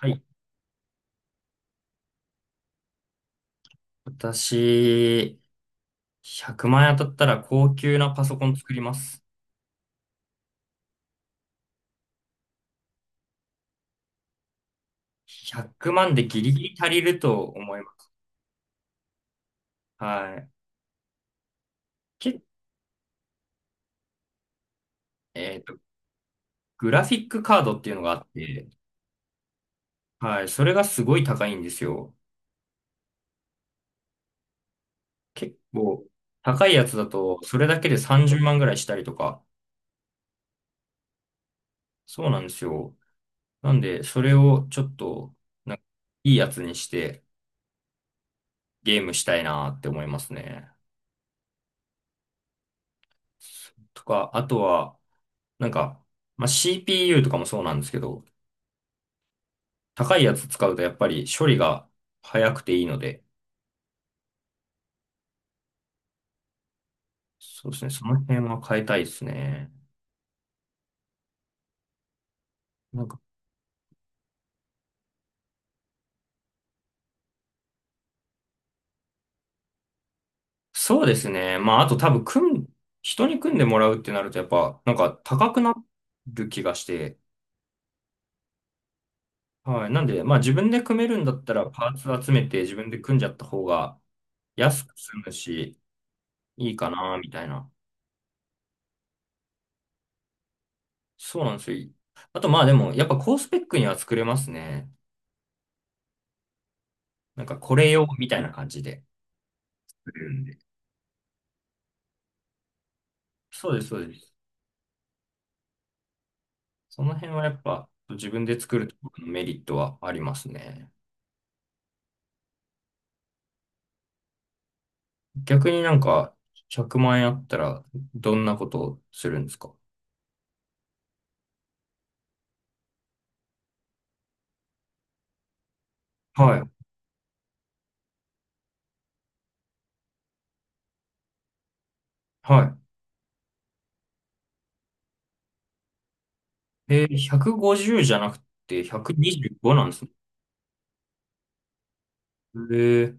はい。私、100万円当たったら高級なパソコン作ります。100万でギリギリ足りると思います。はい。け、えっと、グラフィックカードっていうのがあって、はい。それがすごい高いんですよ。結構、高いやつだと、それだけで30万ぐらいしたりとか、そうなんですよ。なんで、それをちょっと、なんかいいやつにしてゲームしたいなって思いますね。とか、あとは、なんか、CPU とかもそうなんですけど、高いやつ使うとやっぱり処理が早くていいので、そうですね、その辺は変えたいですね。なんか、そうですね。まあ、あと多分、人に組んでもらうってなると、やっぱ、なんか高くなる気がして、はい。なんで、まあ、自分で組めるんだったら、パーツ集めて自分で組んじゃった方が安く済むし、いいかな、みたいな。そうなんですよ。あと、まあ、でも、やっぱ高スペックには作れますね。なんか、これ用みたいな感じで。うん、そうです、そうです。その辺はやっぱ自分で作るとこのメリットはありますね。逆になんか100万円あったらどんなことをするんですか？はい、はい。えー、150じゅうじゃなくて125なんですね。えー、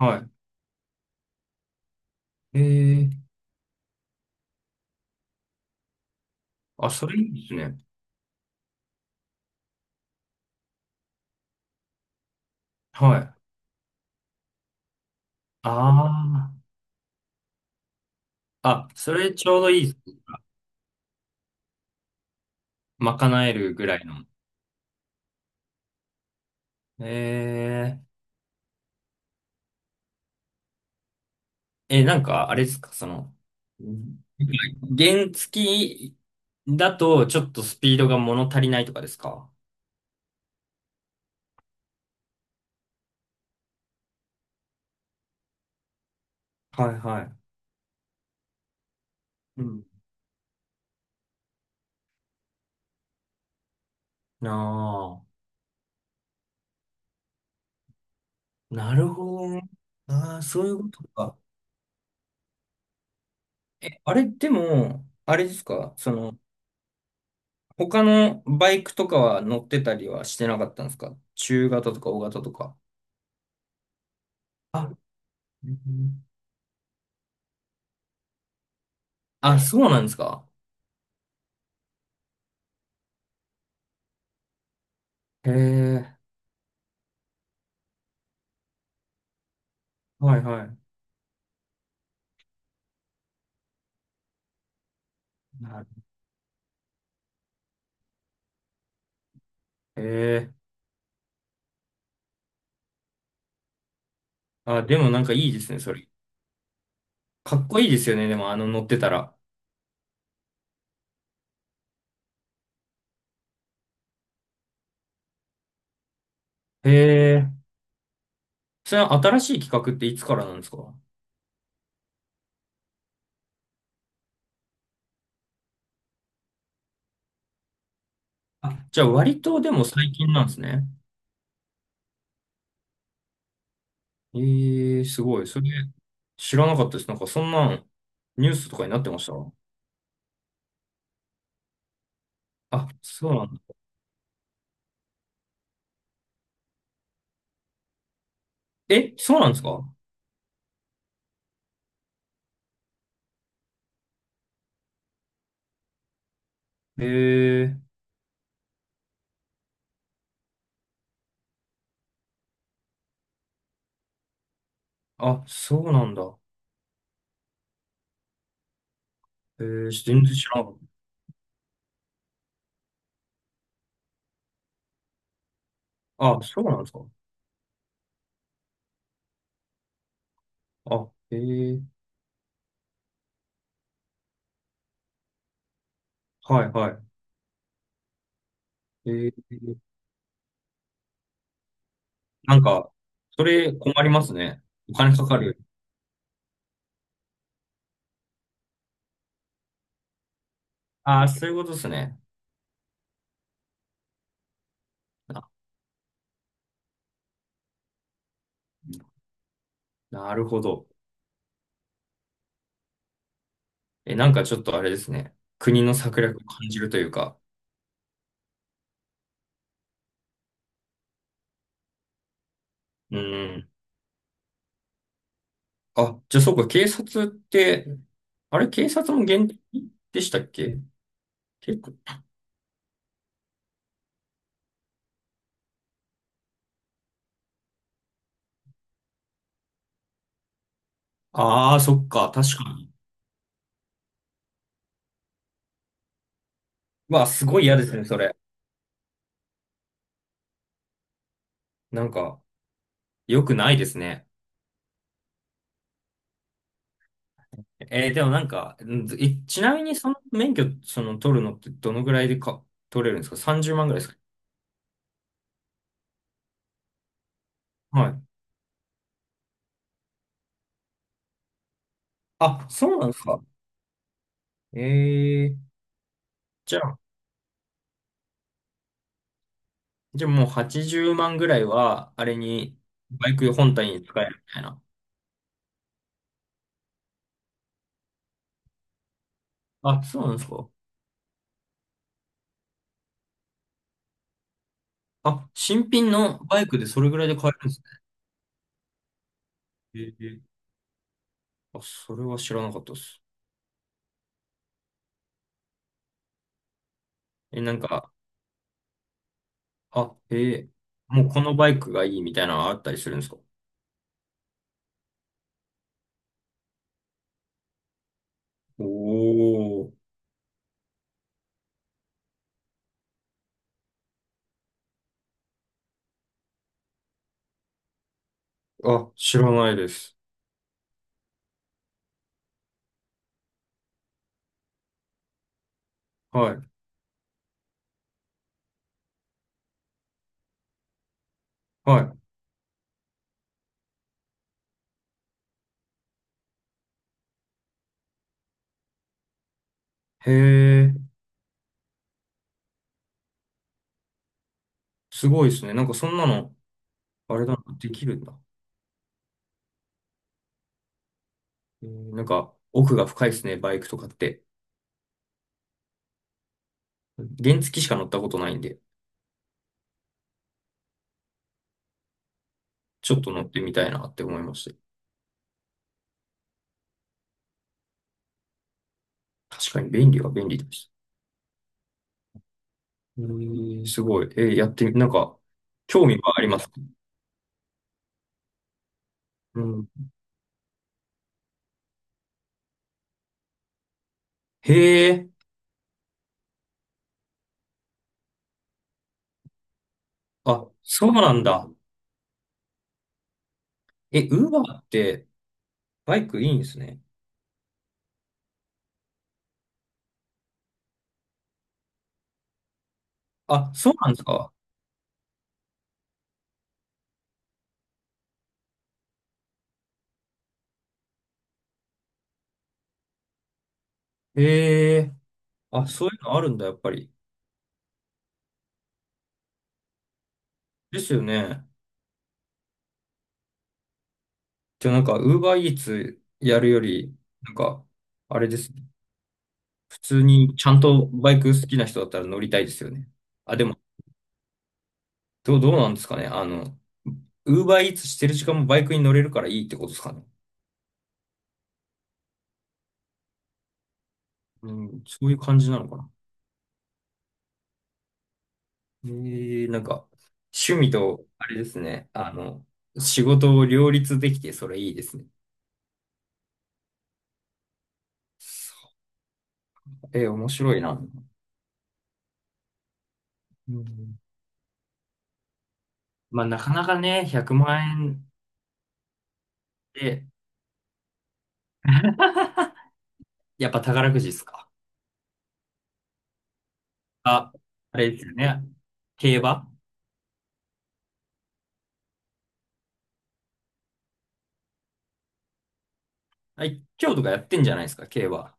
はい。えー、あ、それいいですね。はい。ああ。あ、それちょうどいい。賄えるぐらいの。ええ、あれですか、うん、原付きだとちょっとスピードが物足りないとかですか？はいはい。うん。なあ、なるほどね。ああ、そういうことか。え、あれでも、あれですかその、他のバイクとかは乗ってたりはしてなかったんですか？中型とか大型とか。あ、うん、あ、そうなんですか？へえ、はいはい。なるへえ、あ、でもなんかいいですね、それ。かっこいいですよね、でもあの乗ってたら。へえ。それは新しい企画っていつからなんですか？あ、じゃあ割とでも最近なんですね。ええ、すごい。それ知らなかったです。なんかそんなんニュースとかになってました。あ、そうなんだ。え、そうなんですか？へえ、あ、そうなんだ。ええ、全然知らなかった。あ、そうなんですか？あ、ええ、はいはい。ええ、なんか、それ困りますね。お金かかる。ああ、そういうことですね。あ、なるほど。え、なんかちょっとあれですね。国の策略を感じるというか。うん。あ、じゃあそうか、警察って、あれ、警察も現役でしたっけ？結構。ああ、そっか、確かに。うわ、すごい嫌ですね、それ。なんか、良くないですね。えーでもなんか、ちなみにその免許、その取るのってどのぐらいでか、取れるんですか？ 30 万ぐらいですか？はい。あ、そうなんですか。えー、じゃあじゃあもう80万ぐらいは、あれに、バイク本体に使えるみたいな。あ、そうなんですか。あ、新品のバイクでそれぐらいで買えるんですね。ええ、あ、それは知らなかったです。え、なんか、あ、ええ、もうこのバイクがいいみたいなのあったりするんですか？おおー、あ、知らないです。はい。はい。へえ、すごいですね。なんかそんなの、あれだな、できるんだ。えー、なんか、奥が深いですね、バイクとかって。原付しか乗ったことないんで。ちょっと乗ってみたいなって思いました。確かに便利は便利でした。えーすごい。えーやってみ、なんか、興味はあります。うん。へえ、あ、そうなんだ。え、ウーバーってバイクいいんですね。あ、そうなんですか。へえ、あ、そういうのあるんだ、やっぱり。ですよね。じゃあなんか、ウーバーイーツやるより、なんか、あれですね。普通にちゃんとバイク好きな人だったら乗りたいですよね。あ、でもどうなんですかね。あの、ウーバーイーツしてる時間もバイクに乗れるからいいってことですかね。うん、そういう感じなのかな。えー、なんか、趣味と、あれですね。あの、仕事を両立できて、それいいですね。そえー、面白いな。うん、まあ、なかなかね、100万円で、やっぱ宝くじですか？あ、あれですよね。競馬。はい、今日とかやってんじゃないですか、競馬。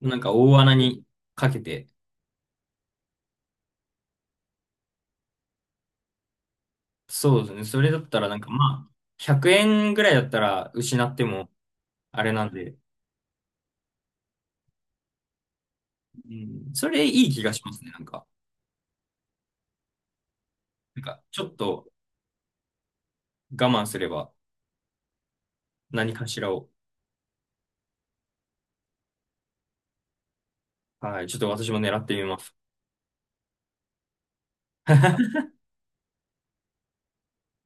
なんか大穴にかけて、そうですね。それだったらなんかまあ、100円ぐらいだったら失ってもあれなんで、うん、それいい気がしますね。なんかちょっと我慢すれば何かしらを、はい、ちょっと私も狙ってみます。